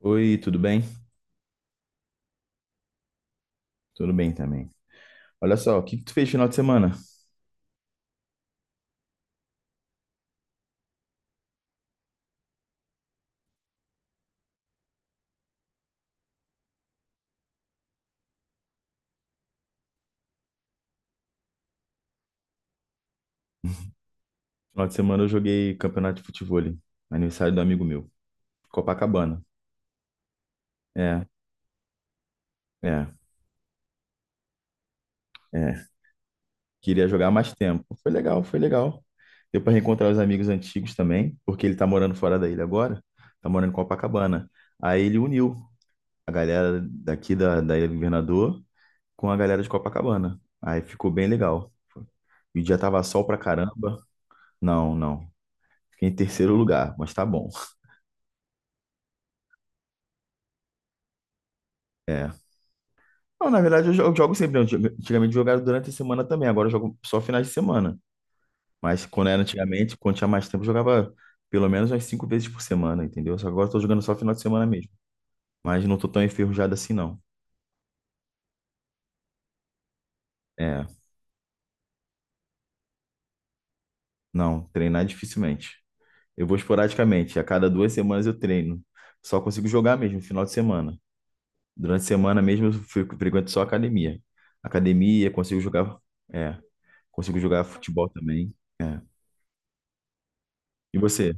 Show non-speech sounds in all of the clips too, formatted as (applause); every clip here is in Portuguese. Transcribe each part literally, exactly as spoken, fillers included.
Oi, tudo bem? Tudo bem também. Olha só, o que que tu fez final de semana? Final de semana eu joguei campeonato de futebol, aniversário do amigo meu, Copacabana. É, é, é. Queria jogar mais tempo. Foi legal, foi legal. Deu pra reencontrar os amigos antigos também, porque ele tá morando fora da ilha agora, tá morando em Copacabana. Aí ele uniu a galera daqui da, da Ilha do Governador com a galera de Copacabana. Aí ficou bem legal. E o dia tava sol pra caramba. Não, não. Fiquei em terceiro lugar, mas tá bom. É. Não, na verdade, eu jo- eu jogo sempre, né? Eu jogo- antigamente eu jogava durante a semana também, agora eu jogo só finais de semana. Mas quando era antigamente, quando tinha mais tempo, eu jogava pelo menos umas cinco vezes por semana, entendeu? Só que agora eu tô jogando só final de semana mesmo. Mas não tô tão enferrujado assim, não. É, não, treinar dificilmente. Eu vou esporadicamente, a cada duas semanas eu treino. Só consigo jogar mesmo, final de semana. Durante a semana mesmo eu fico- frequento só academia. Academia, consigo jogar, é, consigo jogar futebol também. É. E você?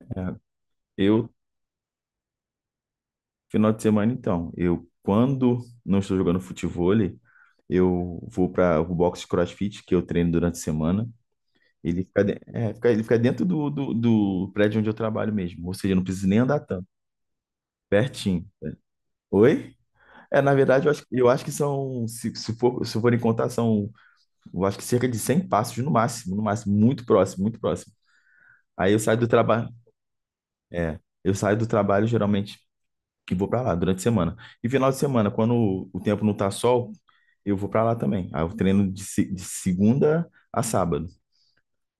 É, eu Final de semana, então, eu quando não estou jogando futevôlei, eu vou para o box de CrossFit que eu treino durante a semana. Ele fica, de- é, fica- ele fica dentro do, do, do prédio onde eu trabalho mesmo, ou seja, eu não preciso nem andar tanto, pertinho. Oi? É, na verdade, eu acho, eu acho que são, se, se for, se forem contar, são, eu acho que cerca de cem passos no máximo, no máximo, muito próximo, muito próximo. Aí eu saio do trabalho, é, eu saio do trabalho geralmente e vou para lá durante a semana. E final de semana, quando o tempo não tá sol, eu vou pra lá também. Aí eu treino de, se- de segunda a sábado.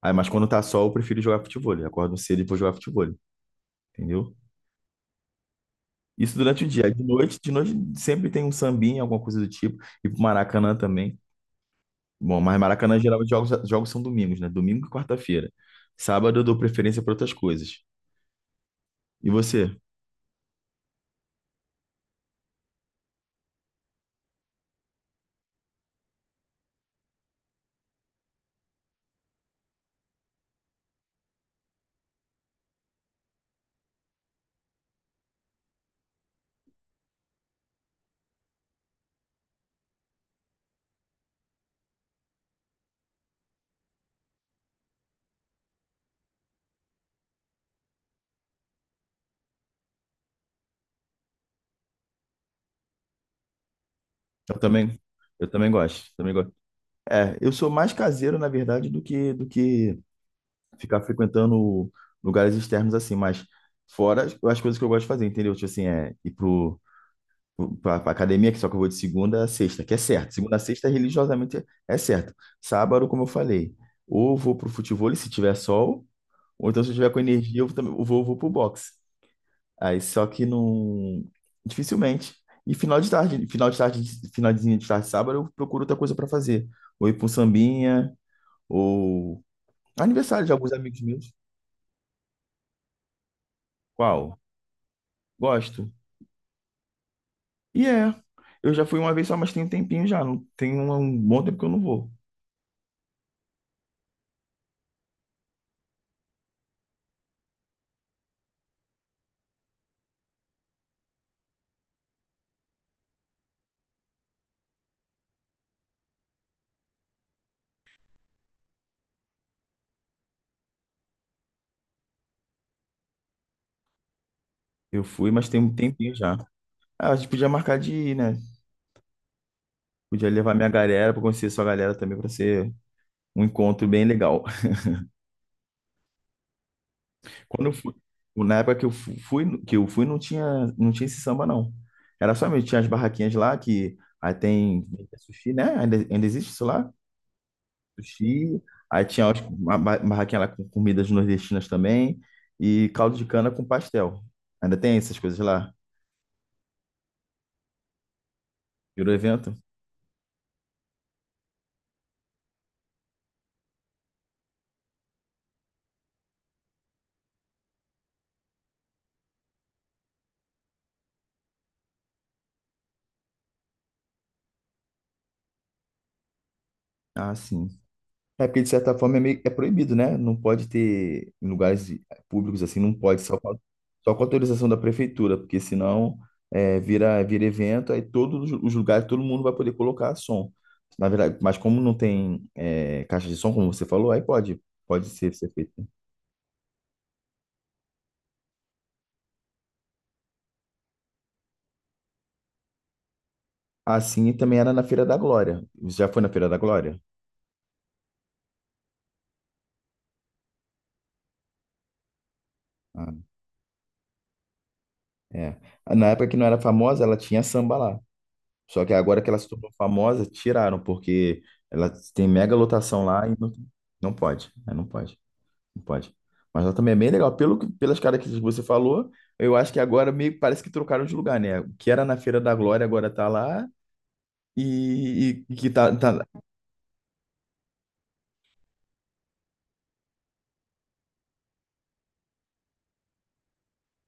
Aí, mas quando tá sol, eu prefiro jogar futevôlei. Acordo cedo e vou jogar futevôlei, entendeu? Isso durante o dia. Aí De noite, de noite sempre tem um sambinha, alguma coisa do tipo. E pro Maracanã também. Bom, mas Maracanã geralmente jogos, jogos são domingos, né? Domingo e quarta-feira. Sábado eu dou preferência pra outras coisas. E você? Eu também, eu também gosto, também gosto. É, eu sou mais caseiro, na verdade, do que do que ficar frequentando lugares externos assim, mas fora as, as coisas que eu gosto de fazer, entendeu? Tipo assim, é ir pro, pro, pra, pra academia, que só que eu vou de segunda a sexta, que é certo. Segunda a sexta, religiosamente, é certo. Sábado, como eu falei, ou vou pro futebol, se tiver sol, ou então se eu tiver com energia, eu também eu vou, vou pro boxe. Aí, só que não... Dificilmente. E final de tarde, final de tarde, finalzinho de tarde, sábado, eu procuro outra coisa para fazer. Ou ir pra um sambinha, ou... Aniversário de alguns amigos meus. Qual? Gosto. E é. Eu já fui uma vez só, mas tem um tempinho já. Não, tem um, um bom tempo que eu não vou. Eu fui, mas tem um tempinho já. Ah, a gente podia marcar de ir, né? Podia levar minha galera pra conhecer sua galera também, pra ser um encontro bem legal. (laughs) Quando eu fui, na época que eu fu- fui, que eu fui, não tinha, não tinha esse samba, não. Era só mesmo, tinha as barraquinhas lá que aí tem é sushi, né? Ainda, ainda existe isso lá? Sushi. Aí tinha as- uma ba- barraquinha lá com comidas nordestinas também e caldo de cana com pastel. Ainda tem essas coisas lá? Virou evento? Ah, sim. É porque, de certa forma, é, meio- é proibido, né? Não pode ter, em lugares públicos assim, não pode, só com, a- só com autorização da prefeitura, porque senão é, vira, vira evento, aí todos os lugares, todo mundo vai poder colocar som. Na verdade, mas como não tem é, caixa de som, como você falou, aí pode, pode ser, ser feito. Assim também era na Feira da Glória. Você já foi na Feira da Glória? Ah, é. Na época que não era famosa, ela tinha samba lá. Só que agora que ela se tornou famosa, tiraram, porque ela tem mega lotação lá e não, não pode, né? Não pode, não pode. Mas ela também é bem legal. Pelo, que- pelas características que você falou, eu acho que agora meio que parece que trocaram de lugar, né? O que era na Feira da Glória agora tá lá e, e- e que tá, tá lá.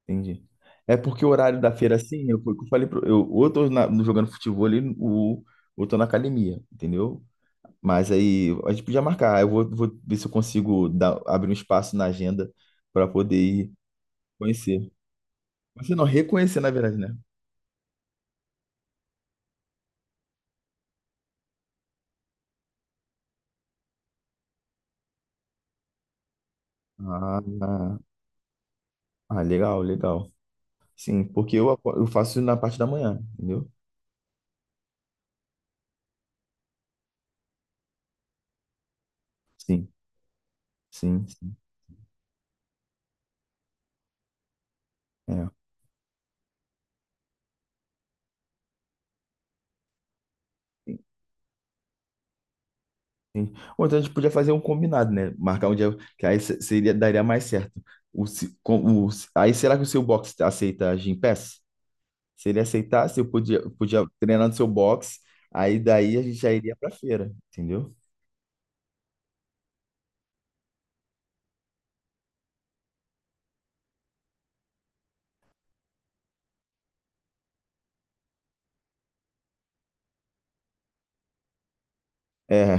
Entendi. É porque o horário da feira, assim, eu, eu falei, pro- eu, ou eu tô na- jogando futebol ali, ou, ou, tô na academia, entendeu? Mas aí a gente podia marcar. Eu vou, vou ver se eu consigo dar- abrir um espaço na agenda para poder ir conhecer. Você não reconhecer, na verdade, né? Ah, ah, ah, legal, legal. Sim, porque eu, apo- eu faço na parte da manhã, entendeu? Sim, sim, sim. É. Sim, sim. Ou então a gente podia fazer um combinado, né? Marcar um dia, que aí se- seria, daria mais certo. O, se- com- o, se- Aí será que o seu box aceita Gympass? Se ele aceitasse, eu podia, eu podia treinar no seu box, aí daí a gente já iria pra feira, entendeu? É.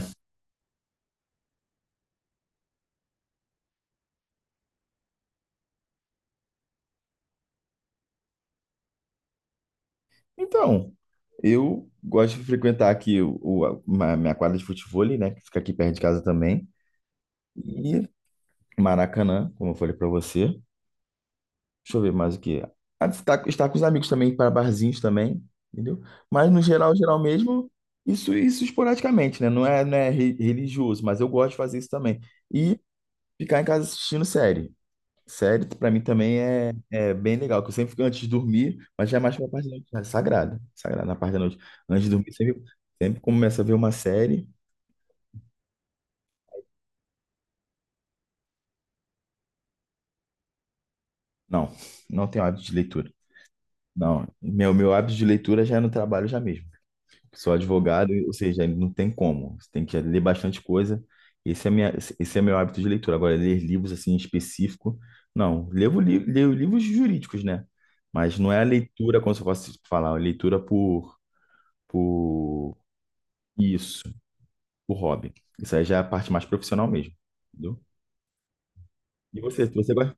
Então, eu gosto de frequentar aqui o, o- a ma- minha quadra de futevôlei, né? Que fica aqui perto de casa também. E Maracanã, como eu falei pra você. Deixa eu ver mais o que. Ah, Estar, estar com os amigos também, para barzinhos também, entendeu? Mas no geral, geral mesmo, isso, isso esporadicamente, né? Não é, não é re- religioso, mas eu gosto de fazer isso também. E ficar em casa assistindo série. Série, pra mim também é, é bem legal, que eu sempre fico antes de dormir, mas já é mais pra parte da noite, né? Sagrada sagrado, na parte da noite. Antes de dormir, sempre, sempre começo a ver uma série. Não, não tenho hábito de leitura. Não, meu, meu hábito de leitura já é no trabalho já mesmo. Sou advogado, ou seja, não tem como. Você tem que ler bastante coisa. Esse é minha, Esse é meu hábito de leitura. Agora, ler livros assim em específico, não. Levo, li- leio livros jurídicos, né? Mas não é a leitura, como se eu fosse falar, a leitura por, por... Isso, o hobby. Isso aí já é a parte mais profissional mesmo. Entendeu? E você, você gosta?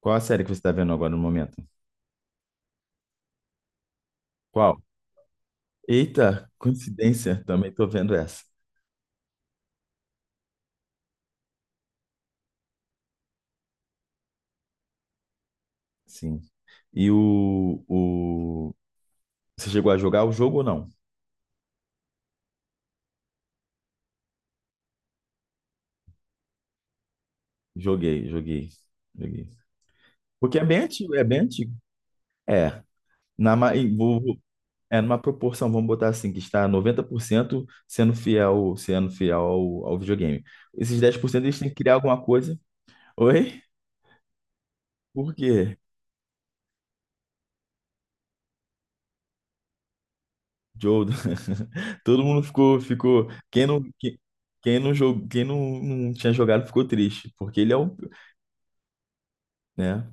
Qual a série que você está vendo agora no momento? Qual? Eita, coincidência, também estou vendo essa. Sim. E o, o... Você chegou a jogar o jogo ou não? Joguei, joguei, joguei. Porque é bem antigo, é bem antigo. É, na, ma- em- vou- vou- é numa proporção, vamos botar assim, que está noventa por cento sendo fiel, sendo fiel ao, ao videogame. Esses dez por cento eles têm que criar alguma coisa. Oi? Por quê? Joe, (laughs) todo mundo ficou, ficou, quem não, que- quem, não jogou, quem não, não tinha jogado ficou triste, porque ele é o, né?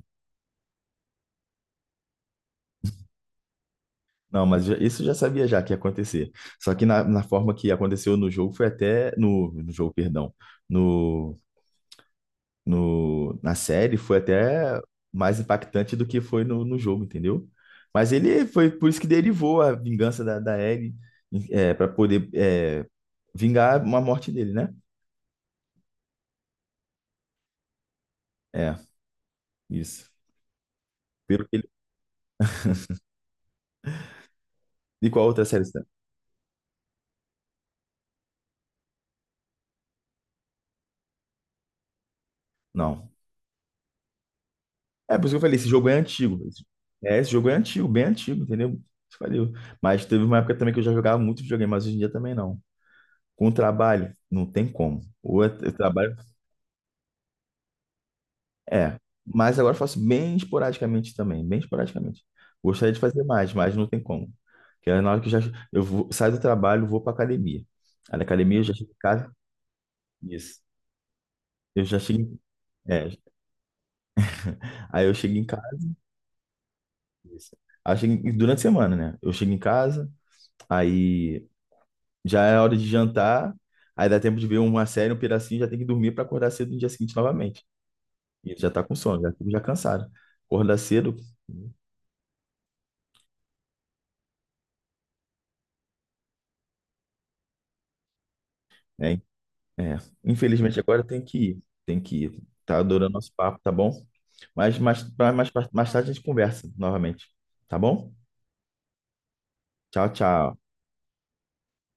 Não, mas já- isso eu já sabia já que ia acontecer. Só que na, na forma que aconteceu no jogo foi até no, no jogo, perdão, no, no na série foi até mais impactante do que foi no, no jogo, entendeu? Mas ele foi por isso que derivou a vingança da, da Ellie, é, para poder é, vingar uma morte dele, né? É, isso. Pelo que De qual outra série você tá? Não. É por isso que eu falei, esse jogo é antigo. Esse- É, esse jogo é antigo, bem antigo, entendeu? Isso valeu. Mas teve uma época também que eu já jogava muito videogame, mas hoje em dia também não. Com o trabalho, não tem como. Ou eu eu trabalho. É. Mas agora eu faço bem esporadicamente também, bem esporadicamente. Gostaria de fazer mais, mas não tem como. Porque na hora que eu já eu vou- saio do trabalho, vou pra academia. Aí na academia eu já chego em casa. Isso. Eu já chego. Em- É. Aí eu chego em casa. Isso. Aí eu chego em- durante a semana, né? Eu chego em casa. Aí já é hora de jantar, aí dá tempo de ver uma série, um pedacinho, já tem que dormir para acordar cedo no dia seguinte novamente. E ele já tá com sono, já, já cansado. Acordar cedo, né? É. Infelizmente agora tem que ir, tem que ir. Tá adorando nosso papo, tá bom? Mas mais, mais, mais, mais tarde a gente conversa novamente, tá bom? Tchau, tchau.